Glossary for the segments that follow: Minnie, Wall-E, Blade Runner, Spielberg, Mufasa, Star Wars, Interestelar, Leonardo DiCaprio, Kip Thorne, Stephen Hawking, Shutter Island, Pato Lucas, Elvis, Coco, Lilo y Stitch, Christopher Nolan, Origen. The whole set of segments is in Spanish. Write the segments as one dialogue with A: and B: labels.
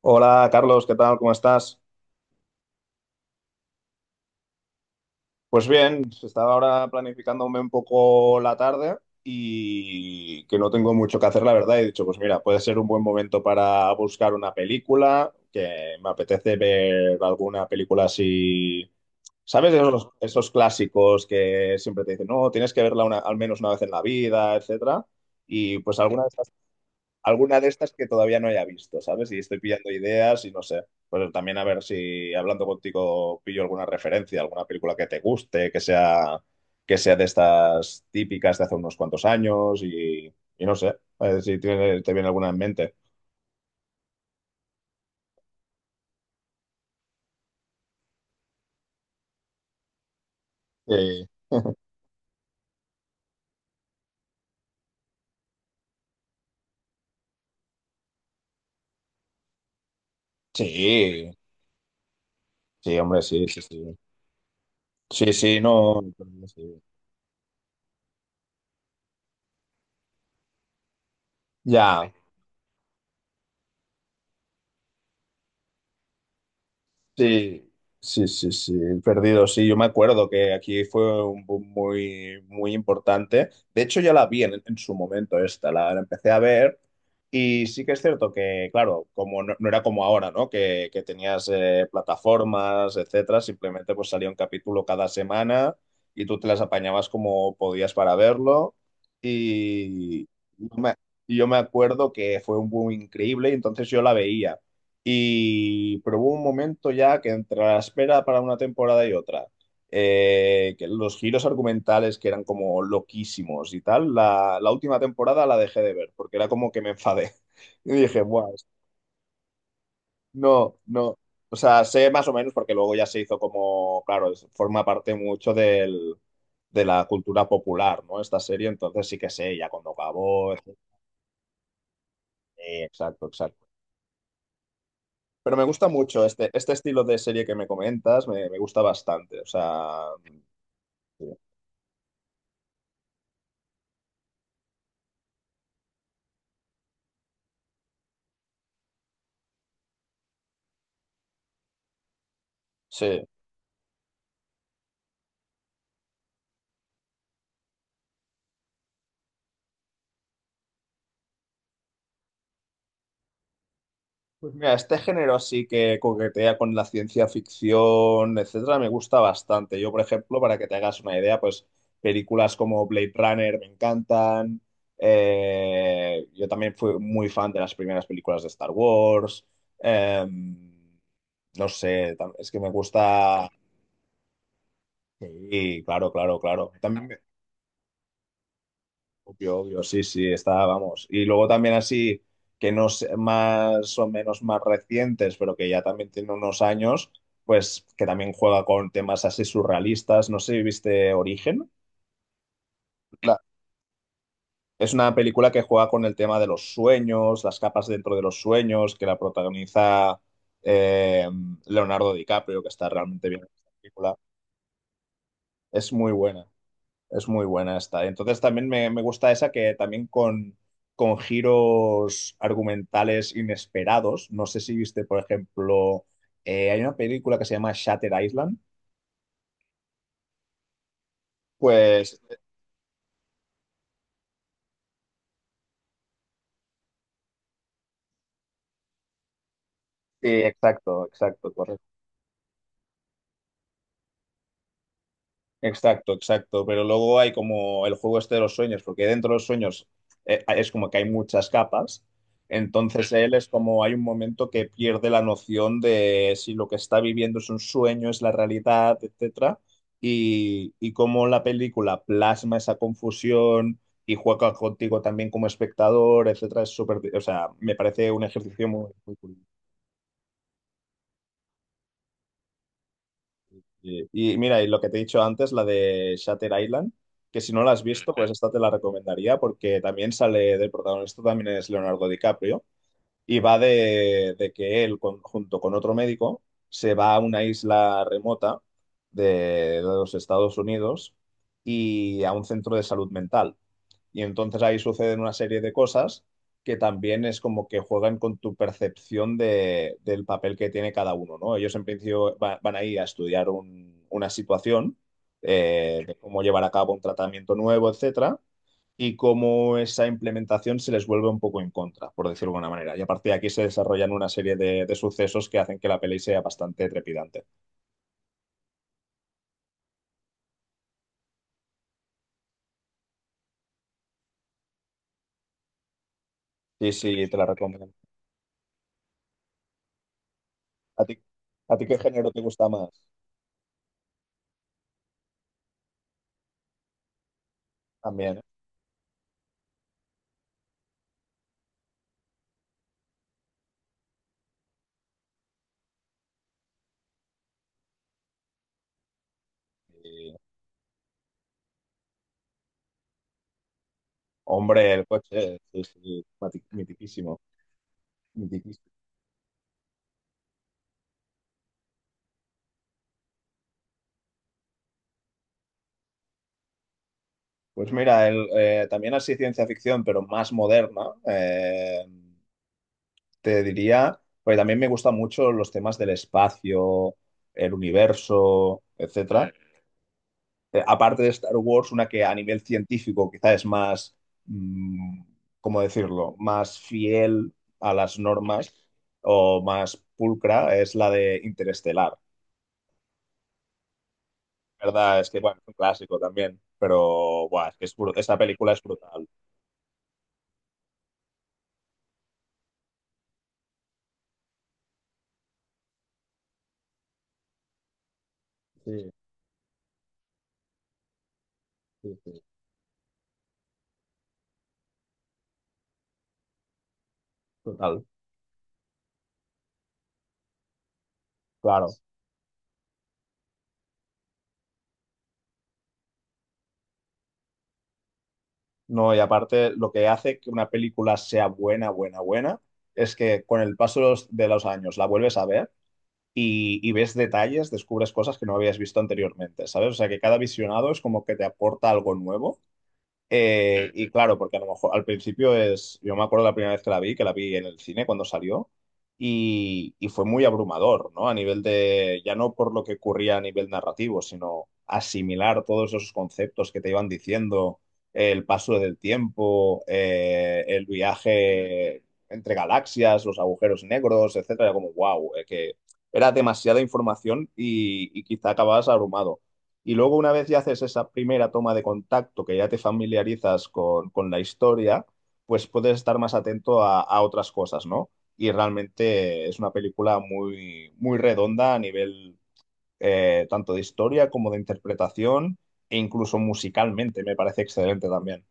A: Hola Carlos, ¿qué tal? ¿Cómo estás? Pues bien, estaba ahora planificándome un poco la tarde y que no tengo mucho que hacer, la verdad. He dicho, pues mira, puede ser un buen momento para buscar una película, que me apetece ver alguna película así, ¿sabes? Esos clásicos que siempre te dicen, no, tienes que verla al menos una vez en la vida, etcétera. Y pues alguna de estas que todavía no haya visto, ¿sabes? Y estoy pillando ideas y no sé. Pues también a ver si hablando contigo pillo alguna referencia, alguna película que te guste, que sea de estas típicas de hace unos cuantos años y no sé, a ver si te viene alguna en mente. Eh, sí, sí, hombre, sí, sí, sí. Sí, sí, no. Sí. Ya. Sí, sí, sí, sí, el perdido, sí, yo me acuerdo que aquí fue un boom muy, muy importante. De hecho, ya la vi en su momento esta, la empecé a ver y sí que es cierto que, claro, como no era como ahora, ¿no? Que tenías plataformas, etcétera, simplemente pues salía un capítulo cada semana y tú te las apañabas como podías para verlo y yo me, y yo me acuerdo que fue un boom increíble y entonces yo la veía. Y, pero hubo un momento ya que entre la espera para una temporada y otra, que los giros argumentales que eran como loquísimos y tal, la última temporada la dejé de ver porque era como que me enfadé. Y dije, bueno, no, no. O sea, sé más o menos porque luego ya se hizo como, claro, forma parte mucho de la cultura popular, ¿no? Esta serie, entonces sí que sé ya cuando acabó, etcétera. Sí, exacto, exacto. Pero me gusta mucho este estilo de serie que me comentas, me gusta bastante. O sea, sí. Pues mira, este género así que coquetea con la ciencia ficción, etcétera, me gusta bastante. Yo, por ejemplo, para que te hagas una idea, pues películas como Blade Runner me encantan. Yo también fui muy fan de las primeras películas de Star Wars. Em, no sé, es que me gusta. Sí, claro, claro, claro. Obvio, obvio, sí, sí, está, vamos. Y luego también así, que no sé, más o menos más recientes, pero que ya también tiene unos años, pues que también juega con temas así surrealistas. No sé si viste Origen. La- es una película que juega con el tema de los sueños, las capas dentro de los sueños, que la protagoniza eh, Leonardo DiCaprio, que está realmente bien en esta película. Es muy buena. Es muy buena esta. Entonces también me gusta esa que también con giros argumentales inesperados. No sé si viste, por ejemplo, hay una película que se llama Shatter Island. Pues sí, exacto, exacto, correcto. Exacto, exacto. Pero luego hay como el juego este de los sueños, porque dentro de los sueños es como que hay muchas capas. Entonces él es como hay un momento que pierde la noción de si lo que está viviendo es un sueño, es la realidad, etcétera. Y cómo la película plasma esa confusión y juega contigo también como espectador, etcétera, es súper, o sea, me parece un ejercicio muy, muy curioso. Y mira, y lo que te he dicho antes, la de Shutter Island, que si no la has visto, pues esta te la recomendaría porque también sale del protagonista, también es Leonardo DiCaprio, y va de que él, junto con otro médico, se va a una isla remota de, de los Estados Unidos y a un centro de salud mental. Y entonces ahí suceden una serie de cosas que también es como que juegan con tu percepción de, del papel que tiene cada uno, ¿no? Ellos en principio van ahí a estudiar una situación, de cómo llevar a cabo un tratamiento nuevo, etcétera, y cómo esa implementación se les vuelve un poco en contra, por decirlo de alguna manera. Y a partir de aquí se desarrollan una serie de sucesos que hacen que la peli sea bastante trepidante. Sí, sí, te la recomiendo. ¿A ti, a ti qué género te gusta más? También, ¿eh? Hombre, el coche, sí, sí, mitiquísimo, mitiquísimo. Pues mira, también así ciencia ficción, pero más moderna, te diría, porque también me gustan mucho los temas del espacio, el universo, etcétera. Aparte de Star Wars, una que a nivel científico quizá es más, mm, ¿cómo decirlo?, más fiel a las normas o más pulcra, es la de Interestelar. Verdad, es que bueno, es un clásico también, pero buah, es que es esta película es brutal. Sí, sí, sí. Total, claro. No, y aparte, lo que hace que una película sea buena, buena, buena, es que con el paso de de los años la vuelves a ver y ves detalles, descubres cosas que no habías visto anteriormente, ¿sabes? O sea, que cada visionado es como que te aporta algo nuevo. Y claro, porque a lo mejor al principio es, yo me acuerdo la primera vez que la vi en el cine cuando salió, y fue muy abrumador, ¿no? A nivel de, ya no por lo que ocurría a nivel narrativo, sino asimilar todos esos conceptos que te iban diciendo, el paso del tiempo, el viaje entre galaxias, los agujeros negros, etcétera, era como wow, que era demasiada información y quizá acababas abrumado. Y luego una vez ya haces esa primera toma de contacto, que ya te familiarizas con la historia, pues puedes estar más atento a otras cosas, ¿no? Y realmente es una película muy, muy redonda a nivel tanto de historia como de interpretación e incluso musicalmente me parece excelente también.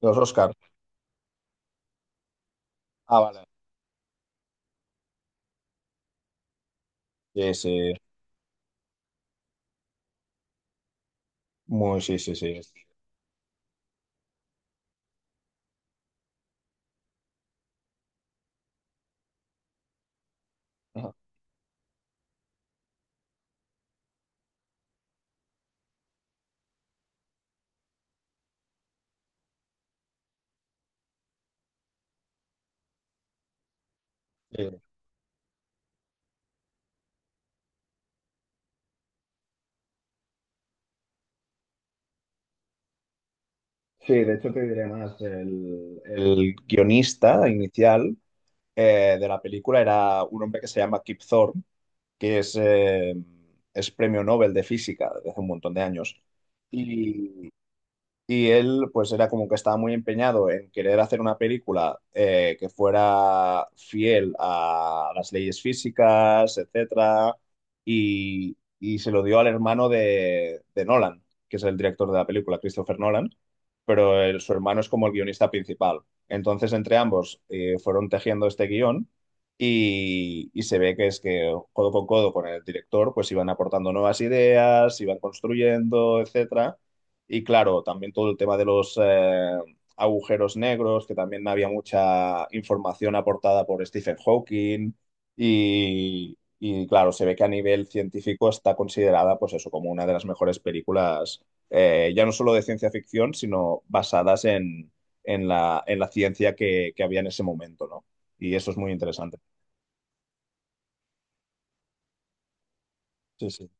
A: Los Oscars. Ah, vale. Sí, sí. Muy, sí, sí, sí. Ajá. Sí. Sí, de hecho te diré más, el guionista inicial de la película era un hombre que se llama Kip Thorne, que es premio Nobel de física desde hace un montón de años. Y y él, pues era como que estaba muy empeñado en querer hacer una película que fuera fiel a las leyes físicas, etcétera, y se lo dio al hermano de Nolan, que es el director de la película, Christopher Nolan, pero su hermano es como el guionista principal. Entonces, entre ambos fueron tejiendo este guión y se ve que es que codo con el director, pues iban aportando nuevas ideas, iban construyendo, etcétera y claro, también todo el tema de los agujeros negros, que también había mucha información aportada por Stephen Hawking. Y, claro, se ve que a nivel científico está considerada, pues eso, como una de las mejores películas, ya no solo de ciencia ficción, sino basadas en la ciencia que había en ese momento, ¿no? Y eso es muy interesante. Sí, sí.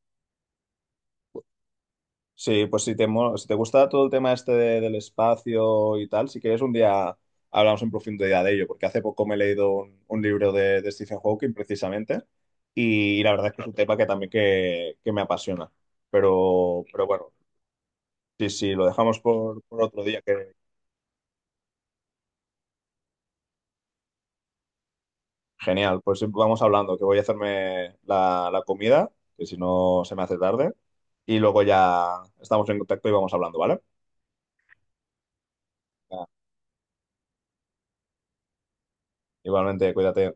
A: Sí, pues si te, si te gusta todo el tema este del espacio y tal, si quieres un día hablamos en profundidad de ello, porque hace poco me he leído un libro de Stephen Hawking precisamente y, la verdad es que es un tema que también que me apasiona. Pero bueno, sí, sí, lo dejamos por otro día, que genial. Pues vamos hablando, que voy a hacerme la, la comida, que si no se me hace tarde, y luego ya estamos en contacto y vamos hablando, ¿vale? Ya, igualmente, cuídate.